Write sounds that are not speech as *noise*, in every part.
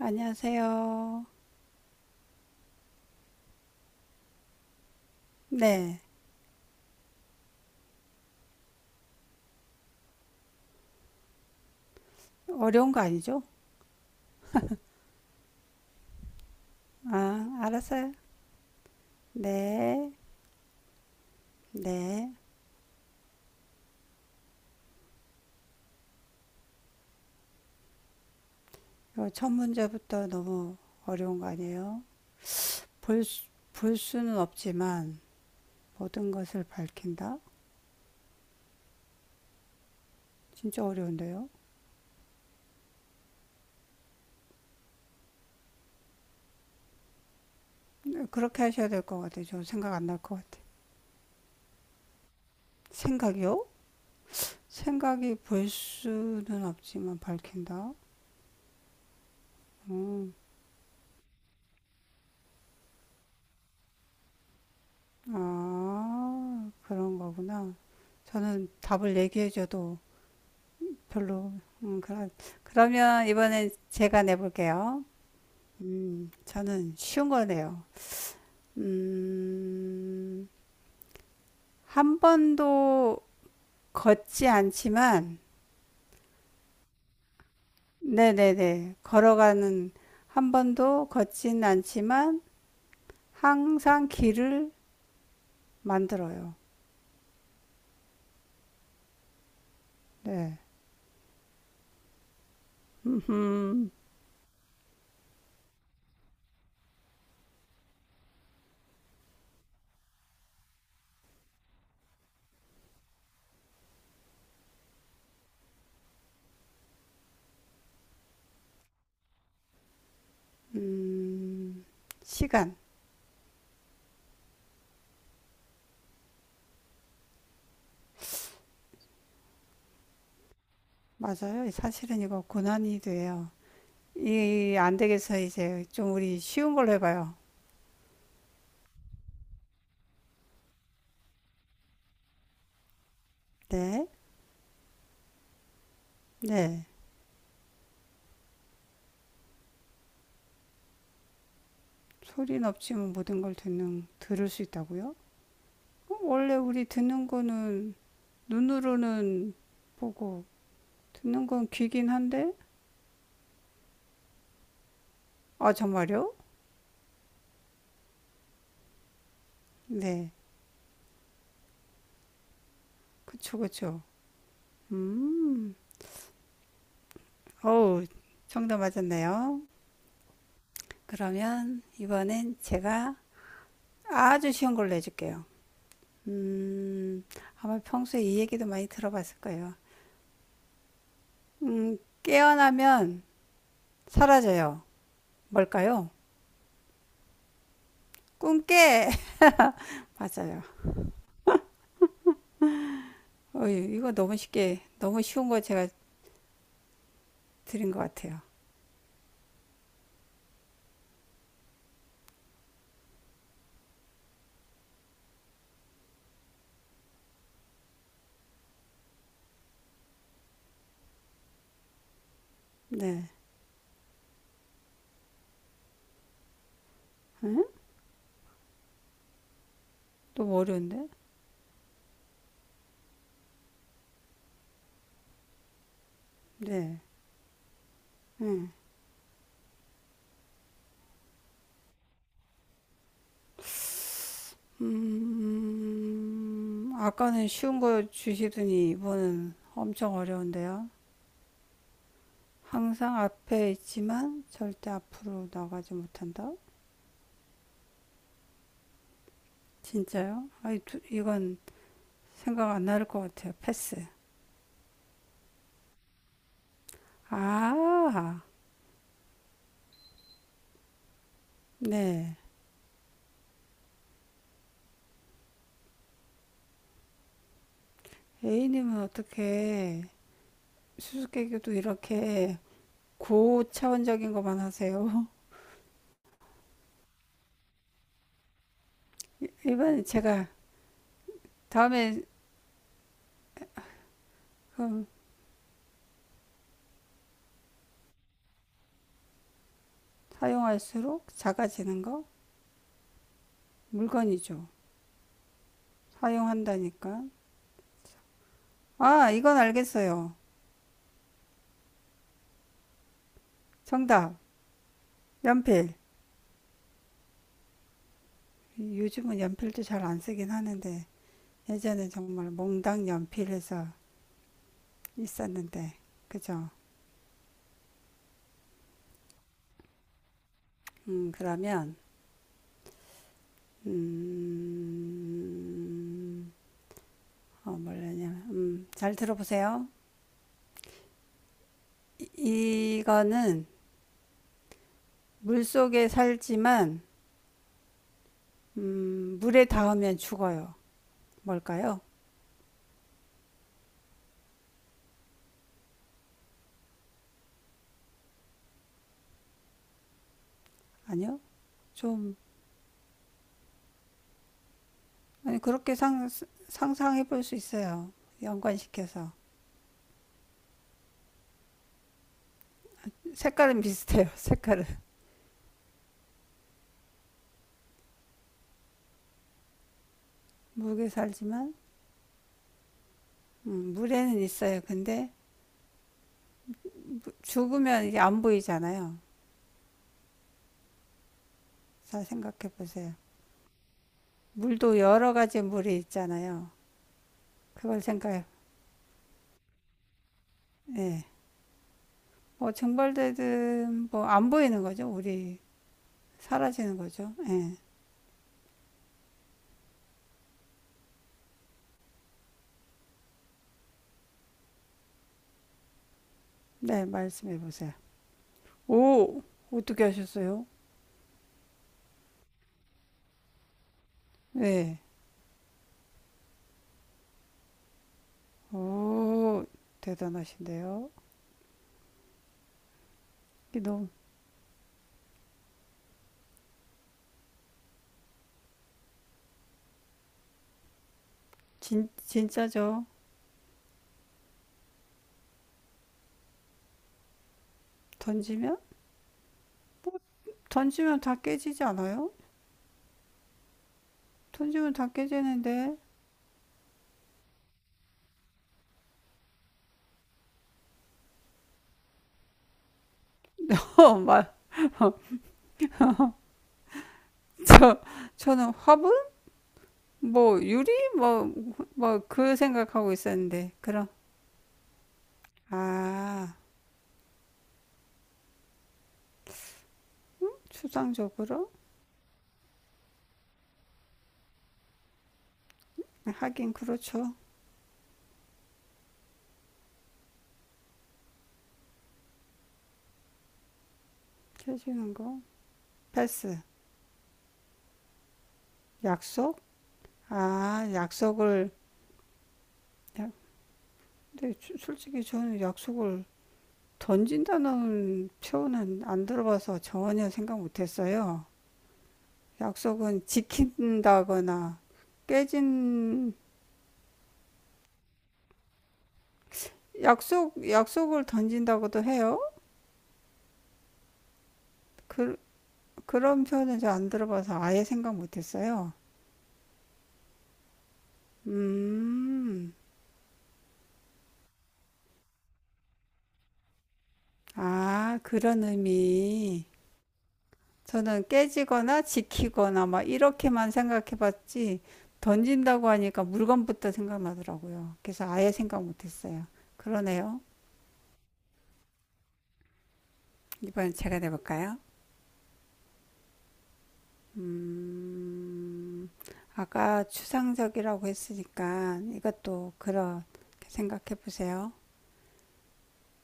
안녕하세요. 네. 어려운 거 아니죠? 아, 알았어요. 네. 네. 요 첫 문제부터 너무 어려운 거 아니에요? 볼, 수- 볼 수는 없지만 모든 것을 밝힌다? 진짜 어려운데요? 네, 그렇게 하셔야 될 것 같아요. 저 생각 안 날 것 같아요. 생각이요? 생각이 볼 수는 없지만 밝힌다? 음, 아, 그런 거구나. 저는 답을 얘기해줘도 별로. 그럼, 그러면 이번엔 제가 내볼게요. 저는 쉬운 거네요. 음, 한 번도 걷지 않지만, 네네네. 걸어가는, 한 번도 걷진 않지만, 항상 길을 만들어요. 네. 음흠. 음, 시간. 맞아요. 사실은 이거 고난이 돼요. 이, 안 되겠어. 이제 좀 우리 쉬운 걸로 해봐요. 네. 네. 소리는 없지만 모든 걸 들을 수 있다고요? 어, 원래 우리 듣는 거는 눈으로는 보고, 듣는 건 귀긴 한데? 아, 정말요? 네. 그쵸, 그쵸. 음. 어우, 정답 맞았네요. 그러면 이번엔 제가 아주 쉬운 걸로 해줄게요. 음, 아마 평소에 이 얘기도 많이 들어봤을 거예요. 음, 깨어나면 사라져요. 뭘까요? 꿈깨! *laughs* 맞아요. 어휴, 이거 너무 쉽게, 너무 쉬운 거 제가 드린 것 같아요. 네. 너무 어려운데? 네. 네. 아까는 쉬운 거 주시더니 이번은 엄청 어려운데요. 항상 앞에 있지만 절대 앞으로 나가지 못한다? 진짜요? 이건 생각 안 나를 것 같아요. 패스. 아, 네. A님은 어떻게 수수께끼도 이렇게 고차원적인 것만 하세요? 이번에 제가 다음에 그럼 사용할수록 작아지는 거 물건이죠. 사용한다니까. 아, 이건 알겠어요. 정답. 연필. 요즘은 연필도 잘 안 쓰긴 하는데 예전에 정말 몽당 연필해서 있었는데 그죠? 그러면 음, 어, 뭐라냐? 잘 들어보세요. 이거는 물 속에 살지만 물에 닿으면 죽어요. 뭘까요? 아니요. 좀 아니 그렇게 상상해 볼 수 있어요. 연관시켜서 색깔은 비슷해요. *laughs* 색깔은 물에 살지만 물에는 있어요. 근데 죽으면 이게 안 보이잖아요. 잘 생각해 보세요. 물도 여러 가지 물이 있잖아요. 그걸 생각해. 예. 뭐 증발되든 뭐 안 보이는 거죠. 우리 사라지는 거죠. 예. 네, 말씀해 보세요. 오, 어떻게 하셨어요? 네. 오, 대단하신데요. 이게 너무 진짜죠. 던지면? 뭐, 던지면 다 깨지지 않아요? 던지면 다 깨지는데. *laughs* 어, 말, 저, 저는 화분? 뭐, 유리? 뭐, 뭐, 그 생각하고 있었는데. 그럼, 아, 추상적으로? 하긴 그렇죠. 깨지는 거. 패스. 약속? 아, 약속을. 야, 근데 주- 솔직히 저는 약속을 던진다는 표현은 안 들어봐서 전혀 생각 못했어요. 약속은 지킨다거나 깨진 약속 약속을 던진다고도 해요. 그, 그런 표현은 잘 안 들어봐서 아예 생각 못했어요. 음, 아 그런 의미. 저는 깨지거나 지키거나 막 이렇게만 생각해봤지 던진다고 하니까 물건부터 생각나더라고요. 그래서 아예 생각 못했어요. 그러네요. 이번엔 제가 내볼까요? 음, 아까 추상적이라고 했으니까 이것도 그런 생각해 보세요.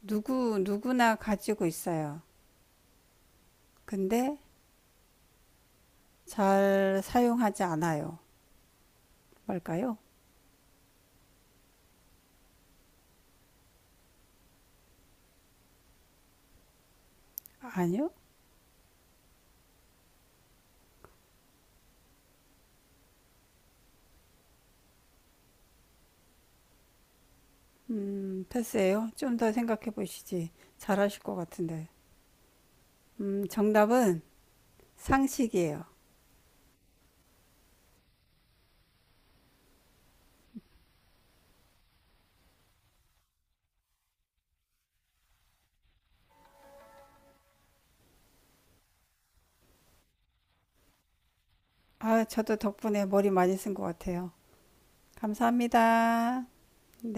누구나 가지고 있어요. 근데 잘 사용하지 않아요. 뭘까요? 아니요? 패스예요. 좀 더 생각해 보시지. 잘하실 것 같은데. 정답은 상식이에요. 아, 저도 덕분에 머리 많이 쓴 것 같아요. 감사합니다. 네.